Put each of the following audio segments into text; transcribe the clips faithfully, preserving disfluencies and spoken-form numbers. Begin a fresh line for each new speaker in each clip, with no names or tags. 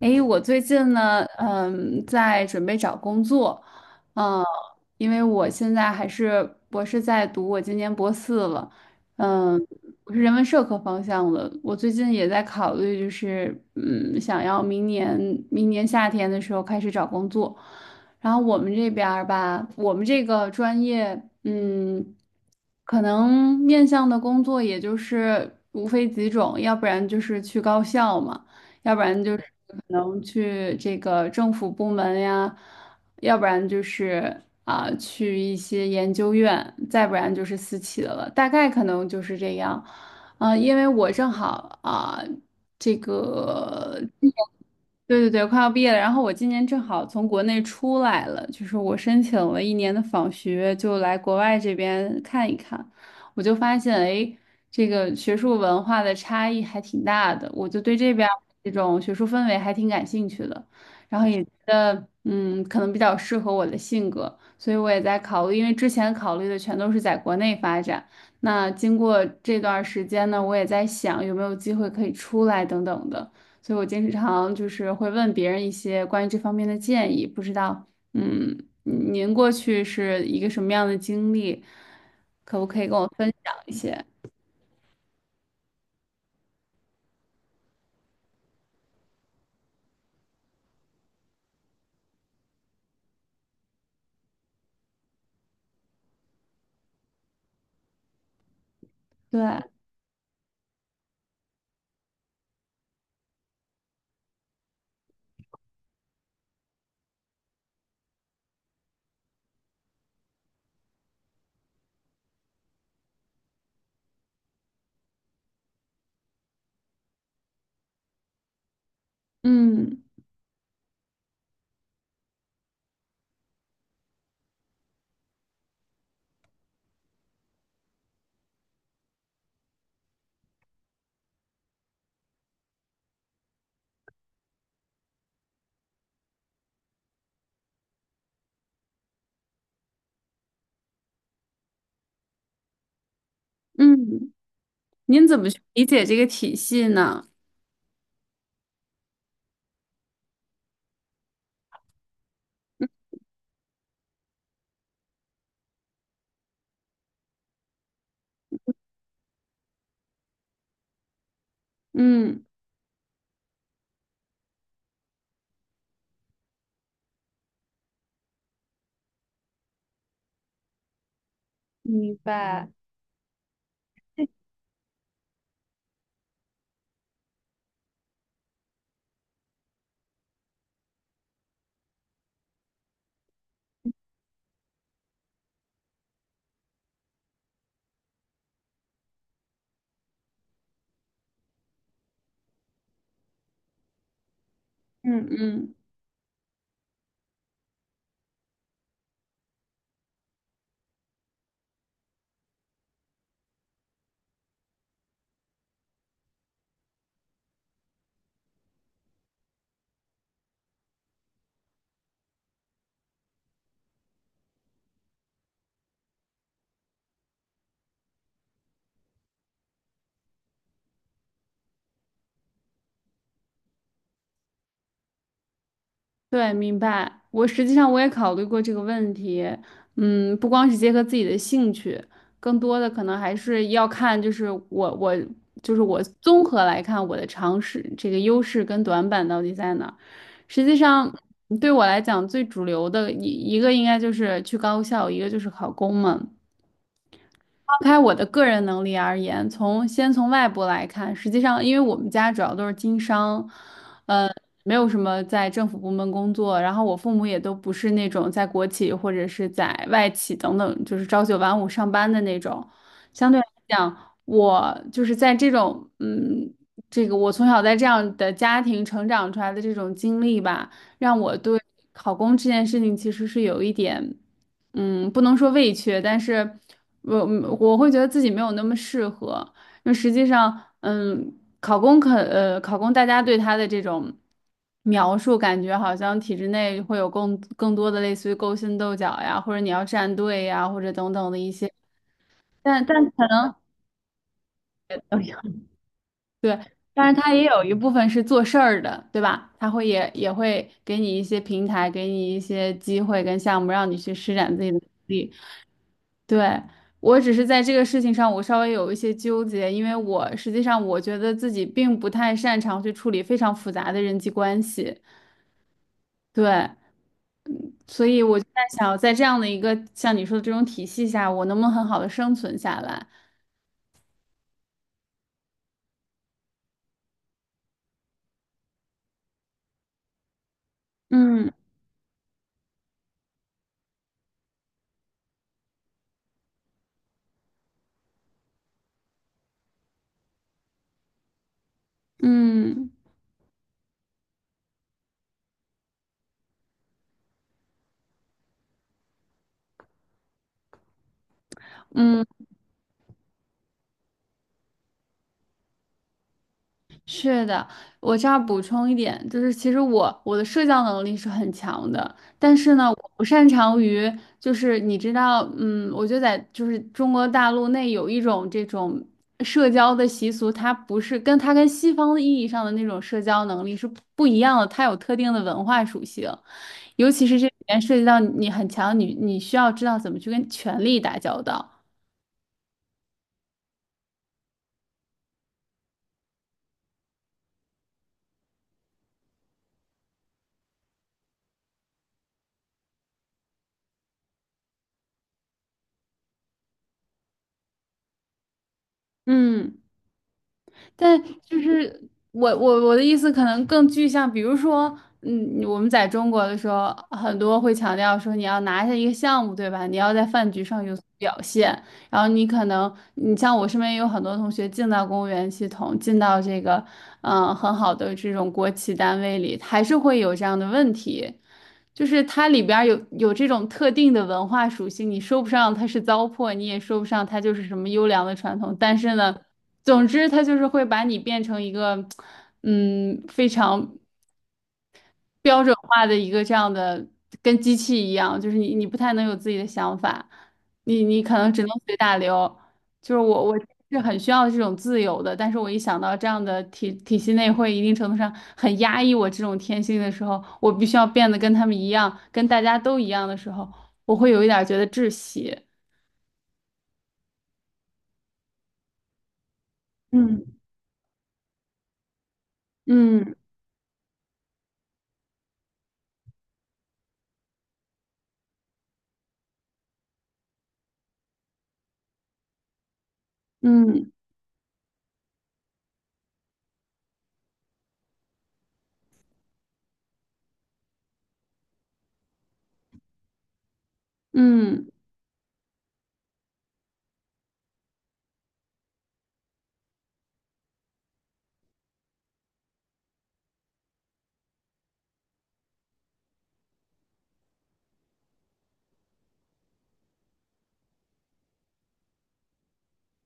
诶，我最近呢，嗯，在准备找工作，嗯，因为我现在还是博士在读，我今年博四了。嗯，我是人文社科方向的。我最近也在考虑，就是嗯，想要明年明年夏天的时候开始找工作。然后我们这边儿吧，我们这个专业，嗯，可能面向的工作也就是无非几种，要不然就是去高校嘛。要不然就是可能去这个政府部门呀，要不然就是啊、去一些研究院，再不然就是私企的了，大概可能就是这样。啊、因为我正好啊、这个。对对对，快要毕业了。然后我今年正好从国内出来了，就是我申请了一年的访学，就来国外这边看一看。我就发现，哎，这个学术文化的差异还挺大的。我就对这边儿这种学术氛围还挺感兴趣的，然后也觉得，嗯，可能比较适合我的性格，所以我也在考虑。因为之前考虑的全都是在国内发展，那经过这段儿时间呢，我也在想有没有机会可以出来等等的。所以我经常就是会问别人一些关于这方面的建议，不知道，嗯，您过去是一个什么样的经历，可不可以跟我分享一些？对，嗯嗯，您怎么去理解这个体系呢？嗯，明白，嗯嗯。对，明白。我实际上我也考虑过这个问题，嗯，不光是结合自己的兴趣，更多的可能还是要看，就是我我就是我综合来看我的尝试这个优势跟短板到底在哪儿。实际上对我来讲，最主流的一一个应该就是去高校，一个就是考公嘛。抛开我的个人能力而言，从先从外部来看，实际上因为我们家主要都是经商，呃，没有什么在政府部门工作，然后我父母也都不是那种在国企或者是在外企等等，就是朝九晚五上班的那种。相对来讲，我就是在这种嗯，这个我从小在这样的家庭成长出来的这种经历吧，让我对考公这件事情其实是有一点。嗯，不能说畏怯，但是我我会觉得自己没有那么适合，因为实际上，嗯，考公可呃，考公大家对他的这种描述，感觉好像体制内会有更更多的类似于勾心斗角呀，或者你要站队呀，或者等等的一些，但但可能。对，但是他也有一部分是做事儿的，对吧？他会也也会给你一些平台，给你一些机会跟项目，让你去施展自己的能力。对，我只是在这个事情上，我稍微有一些纠结，因为我实际上我觉得自己并不太擅长去处理非常复杂的人际关系，对，所以我就在想，在这样的一个像你说的这种体系下，我能不能很好的生存下来？嗯嗯嗯。是的，我这儿补充一点，就是其实我我的社交能力是很强的，但是呢，我不擅长于，就是你知道，嗯，我觉得在就是中国大陆内有一种这种社交的习俗，它不是跟它跟西方意义上的那种社交能力是不一样的，它有特定的文化属性，尤其是这里面涉及到你很强，你你需要知道怎么去跟权力打交道。嗯。但就是我我我的意思可能更具象，比如说，嗯，我们在中国的时候，很多会强调说你要拿下一个项目，对吧？你要在饭局上有所表现，然后你可能，你像我身边也有很多同学进到公务员系统，进到这个，嗯、很好的这种国企单位里，还是会有这样的问题。就是它里边儿有有这种特定的文化属性，你说不上它是糟粕，你也说不上它就是什么优良的传统，但是呢，总之它就是会把你变成一个，嗯，非常标准化的一个这样的，跟机器一样，就是你你不太能有自己的想法，你你可能只能随大流。就是我我是很需要这种自由的，但是我一想到这样的体体系内会一定程度上很压抑我这种天性的时候，我必须要变得跟他们一样，跟大家都一样的时候，我会有一点儿觉得窒息。嗯嗯嗯嗯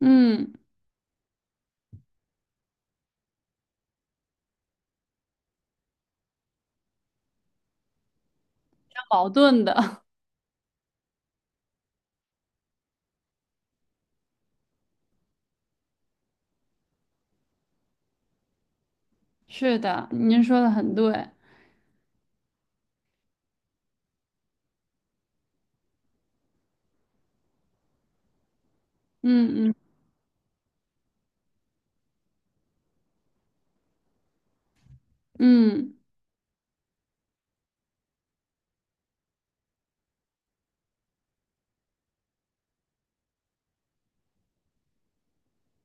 嗯，矛盾的，是的，您说的很对。嗯嗯嗯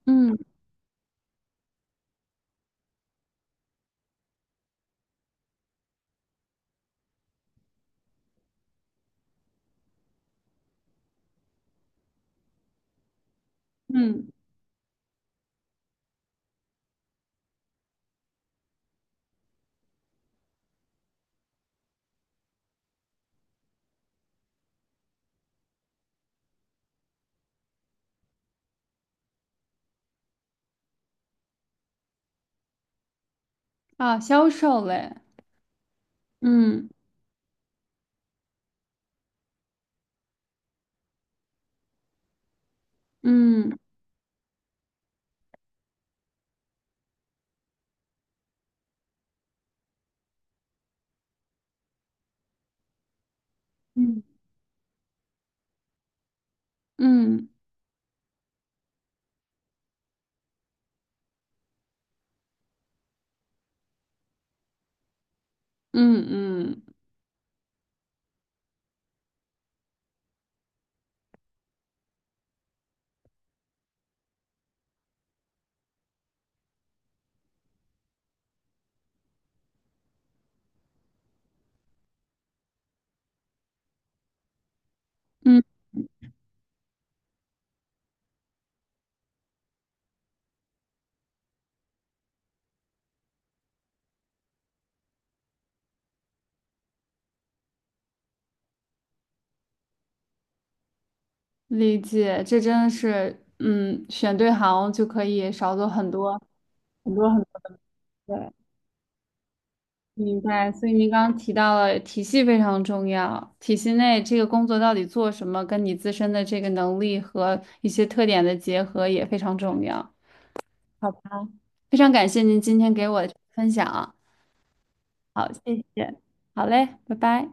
嗯嗯。啊，销售类，嗯嗯嗯嗯嗯嗯嗯，理解，这真的是，嗯，选对行就可以少走很多很多很多的。对，明白。所以您刚刚提到了体系非常重要，体系内这个工作到底做什么，跟你自身的这个能力和一些特点的结合也非常重要。好吧，非常感谢您今天给我的分享。好，谢谢。好嘞，拜拜。